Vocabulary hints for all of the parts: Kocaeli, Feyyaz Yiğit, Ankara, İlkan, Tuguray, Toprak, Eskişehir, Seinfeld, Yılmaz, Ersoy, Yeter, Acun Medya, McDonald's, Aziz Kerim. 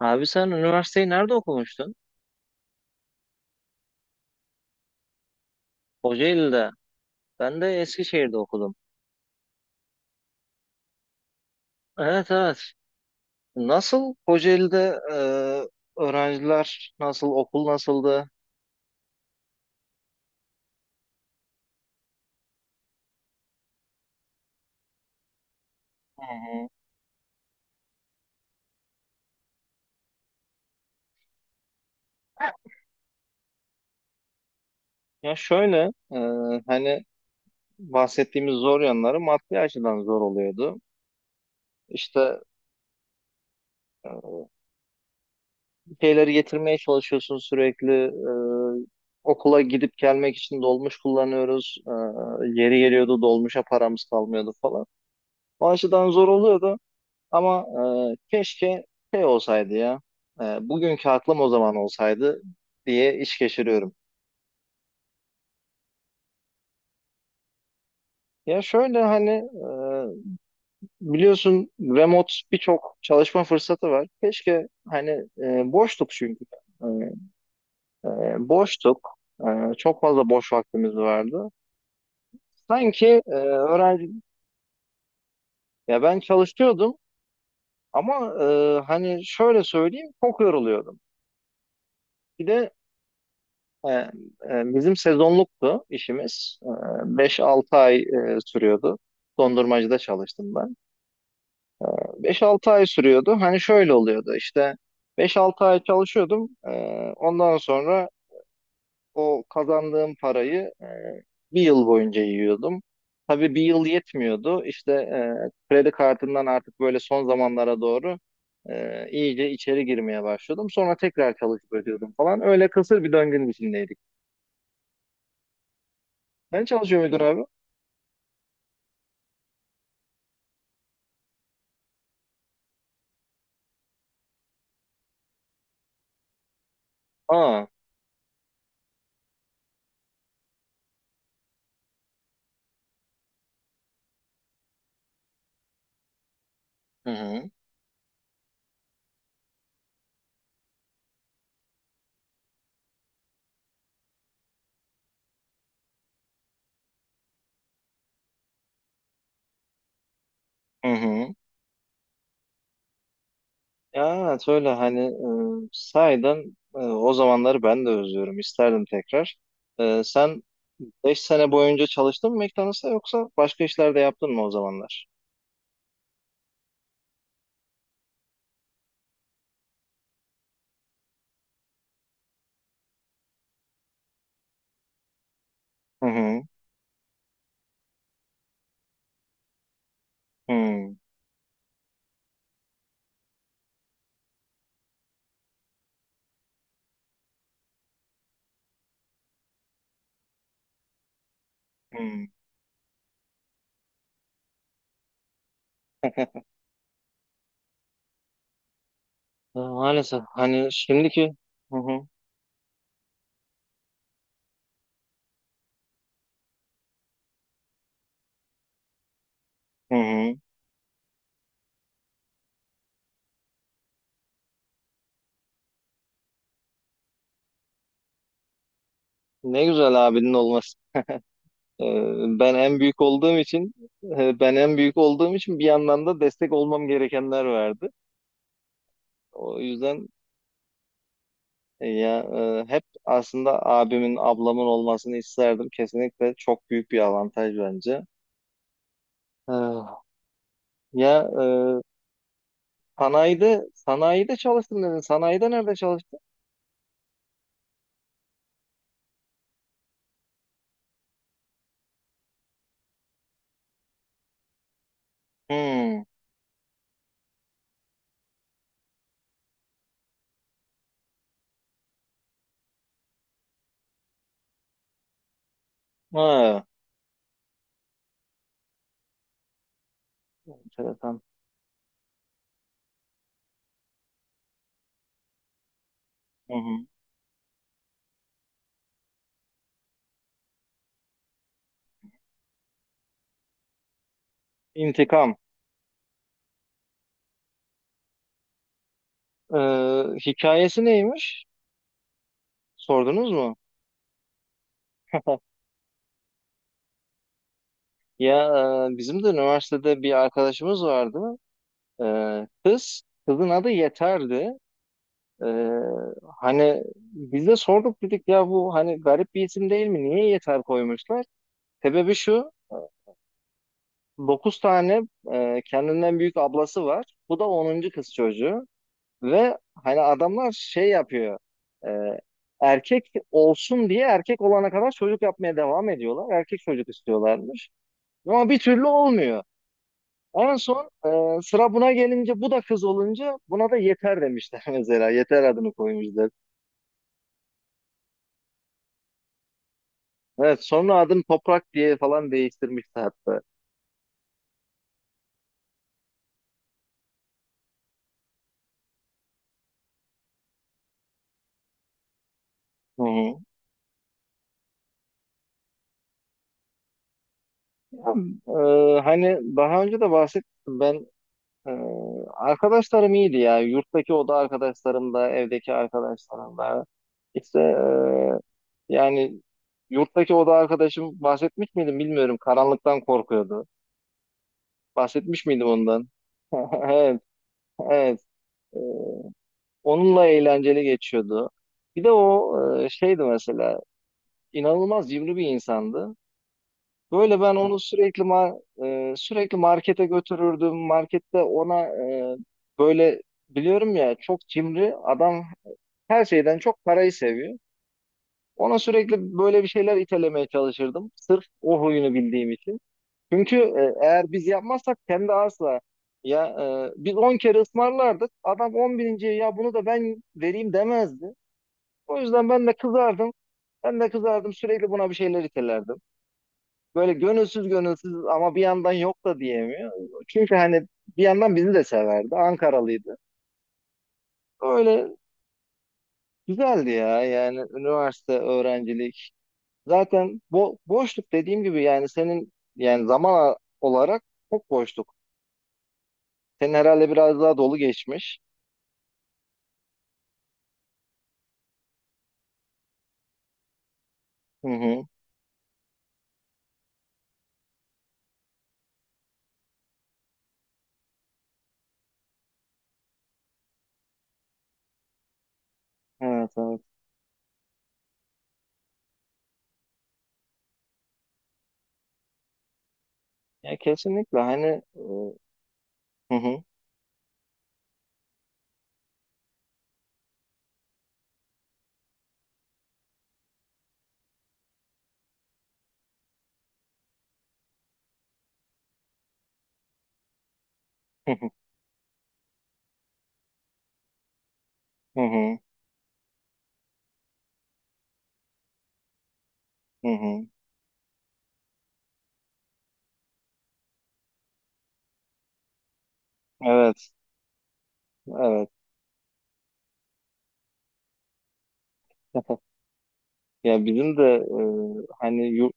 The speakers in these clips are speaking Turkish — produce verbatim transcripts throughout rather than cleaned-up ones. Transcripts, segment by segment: Abi sen üniversiteyi nerede okumuştun? Kocaeli'de. Ben de Eskişehir'de okudum. Evet, evet. Nasıl Kocaeli'de e, öğrenciler nasıl, okul nasıldı? Hı hı. Ya şöyle, e, hani bahsettiğimiz zor yanları maddi açıdan zor oluyordu. İşte e, bir şeyleri getirmeye çalışıyorsun sürekli. E, okula gidip gelmek için dolmuş kullanıyoruz. E, yeri geliyordu, dolmuşa paramız kalmıyordu falan. O açıdan zor oluyordu. Ama e, keşke şey olsaydı ya. E, bugünkü aklım o zaman olsaydı diye iş geçiriyorum. Ya şöyle hani e, biliyorsun remote birçok çalışma fırsatı var. Keşke hani e, boştuk çünkü. E, e, Boştuk. E, çok fazla boş vaktimiz vardı. Sanki e, öğrenci, ya ben çalışıyordum ama e, hani şöyle söyleyeyim, çok yoruluyordum. Bir de E, e, bizim sezonluktu işimiz. E, beş altı ay e, sürüyordu. Dondurmacıda çalıştım ben. Beş altı ay sürüyordu. Hani şöyle oluyordu, işte beş altı ay çalışıyordum. E, ondan sonra o kazandığım parayı e, bir yıl boyunca yiyordum. Tabii bir yıl yetmiyordu. İşte e, kredi kartından artık böyle son zamanlara doğru e, iyice içeri girmeye başlıyordum. Sonra tekrar çalışıp ödüyordum falan. Öyle kısır bir döngünün içindeydik. Sen çalışıyor muydun abi? Aa. Hı hı. Hı hı. Ya evet, öyle hani e, sahiden e, o zamanları ben de özlüyorum. İsterdim tekrar. E, sen beş sene boyunca çalıştın mı McDonald's'ta, yoksa başka işler de yaptın mı o zamanlar? Hı hı. Hı hı. E, Maalesef hani şimdiki hı hı. Hı hı. Ne güzel abinin olması. E, Ben en büyük olduğum için e, ben en büyük olduğum için bir yandan da destek olmam gerekenler vardı. O yüzden. Ya e, hep aslında abimin, ablamın olmasını isterdim. Kesinlikle çok büyük bir avantaj bence. Ee, Ya e, sanayide, sanayide çalıştım dedin. Sanayide nerede çalıştın? Hmm. Ha. Enteresan. Hı hı. İntikam. Ee, Hikayesi neymiş? Sordunuz mu? Ya e, bizim de üniversitede bir arkadaşımız vardı. Ee, kız, kızın adı Yeter'di. Ee, Hani biz de sorduk, dedik ya, bu hani garip bir isim değil mi? Niye Yeter koymuşlar? Sebebi şu. Dokuz tane e, kendinden büyük ablası var. Bu da onuncu kız çocuğu. Ve hani adamlar şey yapıyor. e, Erkek olsun diye erkek olana kadar çocuk yapmaya devam ediyorlar. Erkek çocuk istiyorlarmış. Ama bir türlü olmuyor. En son e, sıra buna gelince, bu da kız olunca buna da Yeter demişler mesela. Yeter adını koymuşlar. Evet, sonra adını Toprak diye falan değiştirmişti hatta. Hı hı. Ee, hani daha önce de bahsettim, ben e, arkadaşlarım iyiydi ya. Yurttaki oda arkadaşlarım da, evdeki arkadaşlarım da. İşte e, yani yurttaki oda arkadaşım, bahsetmiş miydim bilmiyorum, karanlıktan korkuyordu. Bahsetmiş miydim ondan? Evet, evet. Ee, Onunla eğlenceli geçiyordu. Bir de o e, şeydi mesela, inanılmaz cimri bir insandı. Böyle ben onu sürekli ma- e, sürekli markete götürürdüm. Markette ona e, böyle, biliyorum ya çok cimri adam, her şeyden çok parayı seviyor. Ona sürekli böyle bir şeyler itelemeye çalışırdım, sırf o huyunu bildiğim için. Çünkü e, eğer biz yapmazsak kendi asla, ya e, biz on kere ısmarlardık. Adam on birinci ya bunu da ben vereyim demezdi. O yüzden ben de kızardım. Ben de kızardım, sürekli buna bir şeyler itelerdim, böyle gönülsüz gönülsüz, ama bir yandan yok da diyemiyor. Çünkü hani bir yandan bizi de severdi. Ankaralıydı. Öyle güzeldi ya, yani üniversite öğrencilik. Zaten bo boşluk dediğim gibi, yani senin yani zaman olarak çok boşluk. Senin herhalde biraz daha dolu geçmiş. Hı hı. Evet, evet. Ya kesinlikle hani e, hı hı. Hı hı. Hı hı. Hı hı. Evet. Evet. Ya bizim de e, hani yur-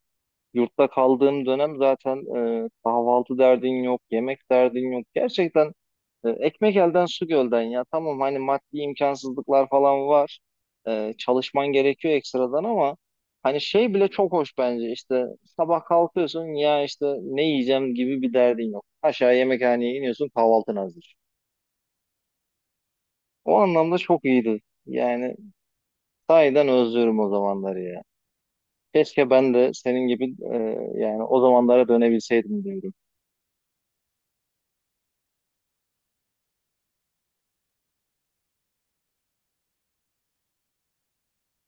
yurtta kaldığım dönem zaten e, kahvaltı derdin yok, yemek derdin yok. Gerçekten e, ekmek elden su gölden ya. Tamam, hani maddi imkansızlıklar falan var. E, çalışman gerekiyor ekstradan ama hani şey bile çok hoş bence. İşte sabah kalkıyorsun ya, işte ne yiyeceğim gibi bir derdin yok. Aşağı yemekhaneye iniyorsun, kahvaltın hazır. O anlamda çok iyiydi. Yani sahiden özlüyorum o zamanları ya. Keşke ben de senin gibi e, yani o zamanlara dönebilseydim diyorum.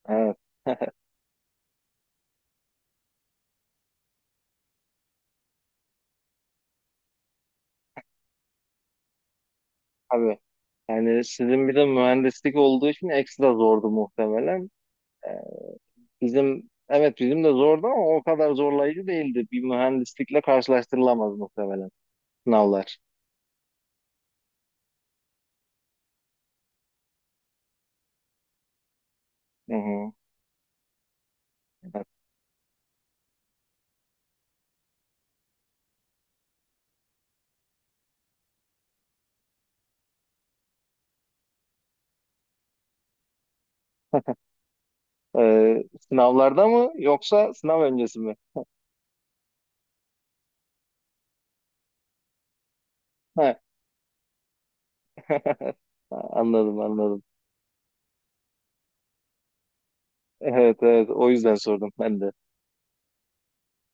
Evet. Tabii. Yani sizin bir de mühendislik olduğu için ekstra zordu muhtemelen. Ee, Bizim evet, bizim de zordu ama o kadar zorlayıcı değildi. Bir mühendislikle karşılaştırılamaz muhtemelen sınavlar. Hı hı. Evet. Ee, Sınavlarda mı, yoksa sınav öncesi mi? Ha. Anladım, anladım. Evet, evet, o yüzden sordum ben de.